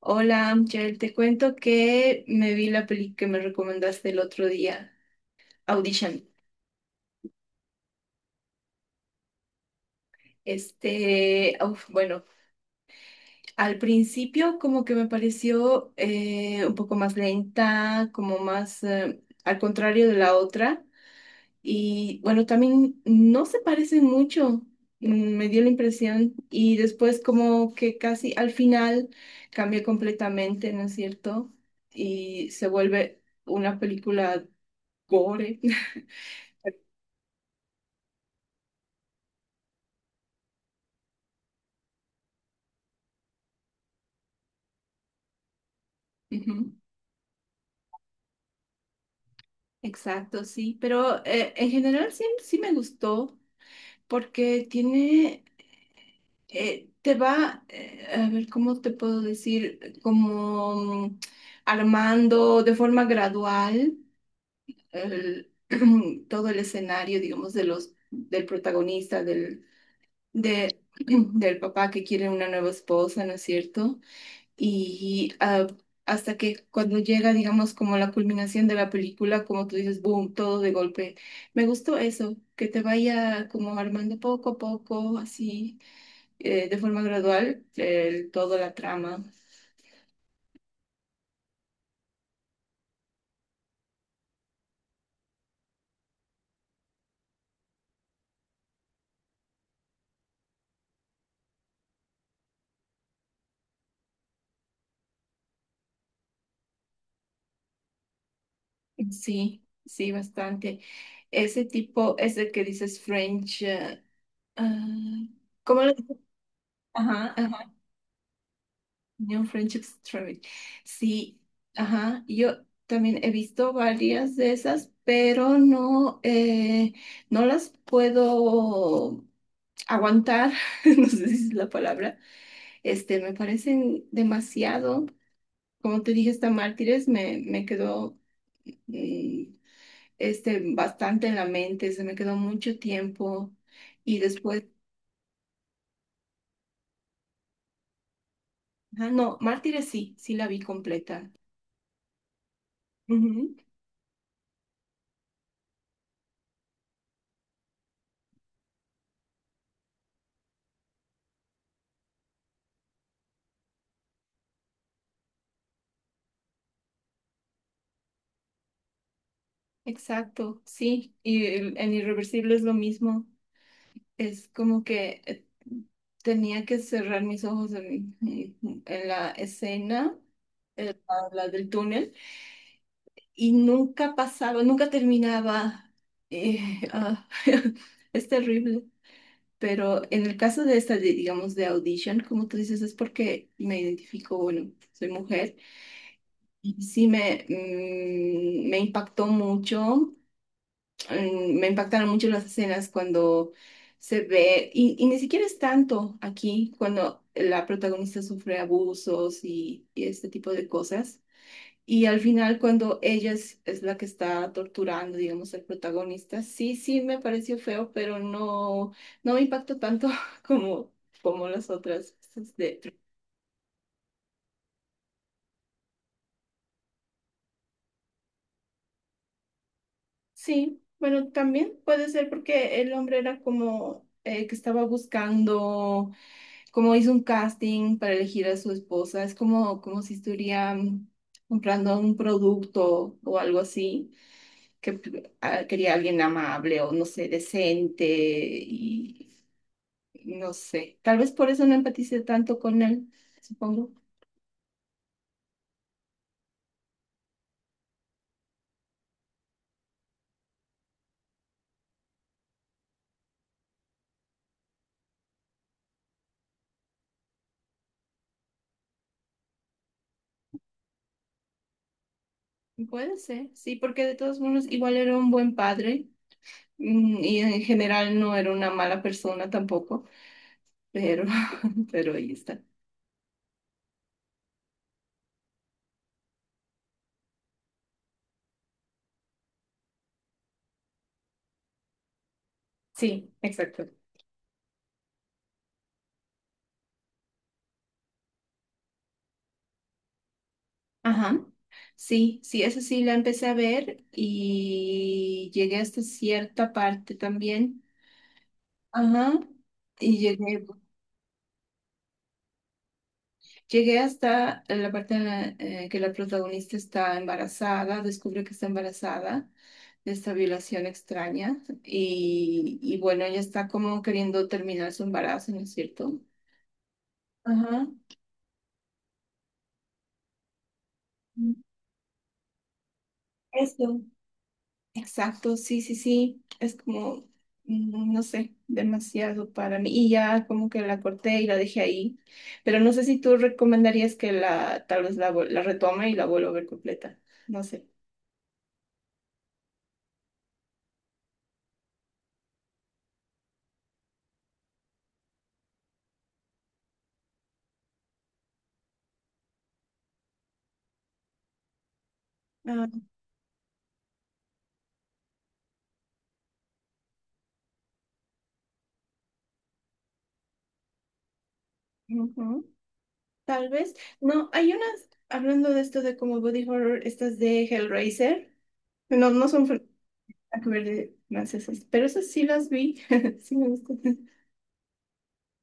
Hola, Amchel, te cuento que me vi la peli que me recomendaste el otro día, Audition. Uf, bueno, al principio como que me pareció un poco más lenta, como más al contrario de la otra. Y bueno, también no se parecen mucho, me dio la impresión. Y después como que casi al final cambia completamente, ¿no es cierto? Y se vuelve una película gore. Ujú. Exacto, sí, pero en general sí, sí me gustó porque tiene, te va, a ver, ¿cómo te puedo decir? Como mm, armando de forma gradual el- todo el escenario, digamos, de los, del protagonista, de, del papá que quiere una nueva esposa, ¿no es cierto? Y hasta que cuando llega, digamos, como la culminación de la película, como tú dices, boom, todo de golpe. Me gustó eso, que te vaya como armando poco a poco, así, de forma gradual, toda la trama. Sí, sí, bastante. Ese tipo, ese que dices French, Ah, ¿cómo lo dices? Ajá, ajá. New Friendships Travel. Sí, ajá. Yo también he visto varias de esas, pero no, no las puedo aguantar. No sé si es la palabra. Me parecen demasiado. Como te dije, esta Mártires me quedó mm, bastante en la mente. Se me quedó mucho tiempo. Y después, no, Mártires sí, sí la vi completa. Ujú. Exacto, sí, y en Irreversible es lo mismo, es como que tenía que cerrar mis ojos en la escena, la del túnel, y nunca pasaba, nunca terminaba, eh, ah, es terrible, pero en el caso de esta, digamos, de Audition, como tú dices, es porque me identifico, bueno, soy mujer, y sí me impactó mucho. Me impactaron mucho las escenas cuando se ve, y ni siquiera es tanto aquí, cuando la protagonista sufre abusos y este tipo de cosas. Y al final, cuando ella es la que está torturando, digamos, al protagonista, sí, sí me pareció feo, pero no, no me impactó tanto como, como las otras. Sí, bueno, también puede ser porque el hombre era como que estaba buscando, como hizo un casting para elegir a su esposa, es como si estuviera comprando un producto o algo así, que quería alguien amable o no sé, decente y no sé, tal vez por eso no empaticé tanto con él, supongo. Puede ser, sí, porque de todos modos igual era un buen padre. Y en general no era una mala persona tampoco, pero, pero ahí está. Sí, exacto. Ajá. Sí, sí, esa sí la empecé a ver y llegué hasta cierta parte también. Ajá. Y llegué hasta la parte que la protagonista está embarazada, descubre que está embarazada de esta violación extraña y bueno, ella está como queriendo terminar su embarazo, ¿no es cierto? Ajá. Eso. Exacto, sí, sí, sí. Es como, no sé, demasiado para mí. Y ya como que la corté y la dejé ahí. Pero no sé si tú recomendarías que tal vez la retome y la vuelva a ver completa. No sé. Ah, Ujú. Tal vez. No, hay unas, hablando de esto de como body horror, estas de Hellraiser. No, no son nada que ver de francesas, pero esas sí las vi. Sí me gustan.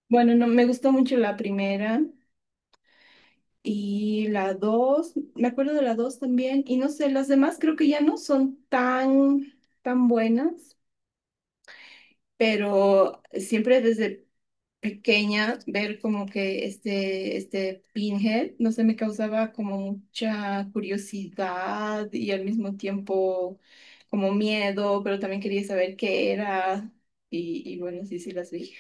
Bueno, no, me gustó mucho la primera. Y la 2 me acuerdo de la 2 también, y no sé, las demás creo que ya no son tan buenas, pero siempre desde pequeña ver como que este Pinhead, no sé, me causaba como mucha curiosidad y al mismo tiempo como miedo, pero también quería saber qué era, y bueno, sí, sí las vi.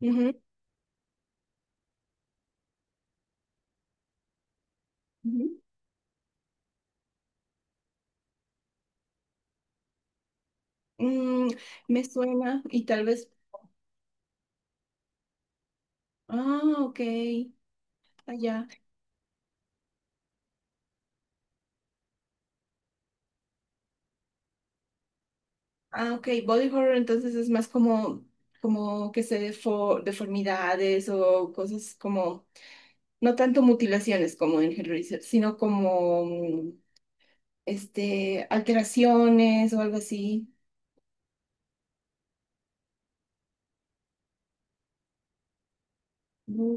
Ujú, ujú. Mm, Me suena, y tal vez, ok, allá. Ah, ok, body horror entonces es más como que se deformidades o cosas como, no tanto mutilaciones como en Hellraiser, sino como alteraciones o algo así. Mm.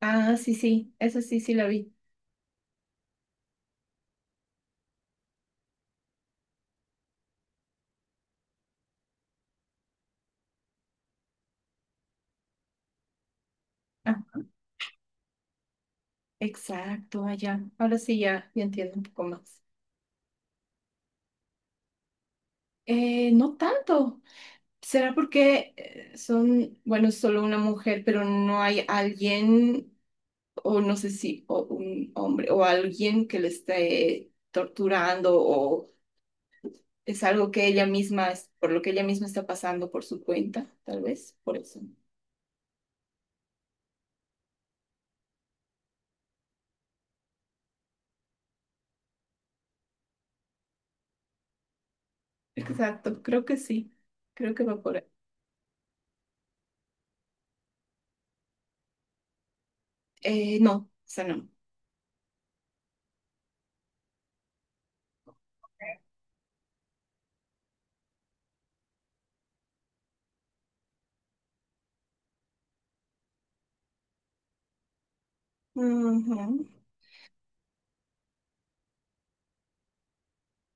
Ah, sí, sí, eso sí, sí la vi. Ah, exacto, ya. Ahora sí ya entiendo un poco más. No tanto. ¿Será porque bueno, es solo una mujer, pero no hay alguien? O no sé si o un hombre o alguien que le esté torturando o es algo que ella misma, por lo que ella misma está pasando por su cuenta, tal vez, por eso. Exacto, creo que sí, creo que va por ahí. No, esa no. Ujú.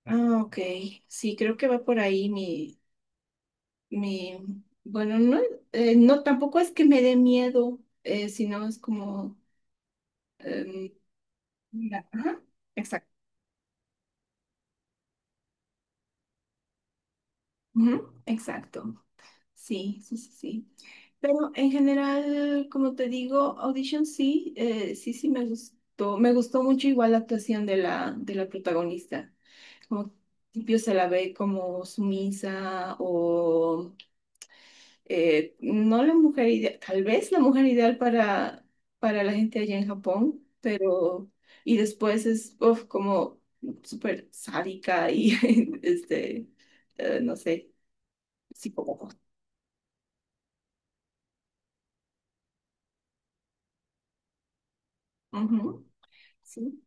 Ah, ok, sí, creo que va por ahí mi, bueno, no, no, tampoco es que me dé miedo, sino es como, em, mira, ajá, exacto, ujú, exacto, sí, sí, sí, sí. Pero en general, como te digo, Audition sí, sí, sí me gustó. Me gustó mucho igual la actuación de de la protagonista. Como que al principio se la ve como sumisa o no la mujer ideal, tal vez la mujer ideal para la gente allá en Japón, pero y después es uf, como súper sádica y este, no sé, psicópata. Ujú, sí.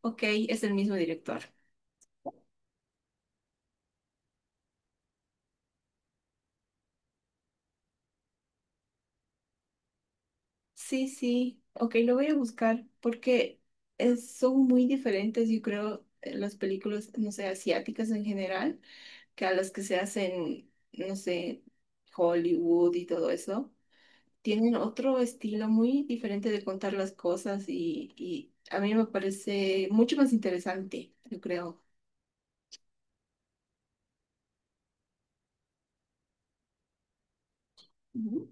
Ok, es el mismo director. Sí, sí, ok, lo voy a buscar porque son muy diferentes, yo creo, las películas, no sé, asiáticas en general, que a las que se hacen, no sé, Hollywood y todo eso. Tienen otro estilo muy diferente de contar las cosas y a mí me parece mucho más interesante, yo creo. Ujú.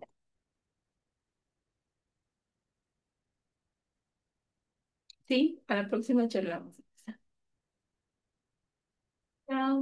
Sí, a la próxima charlamos. Chao.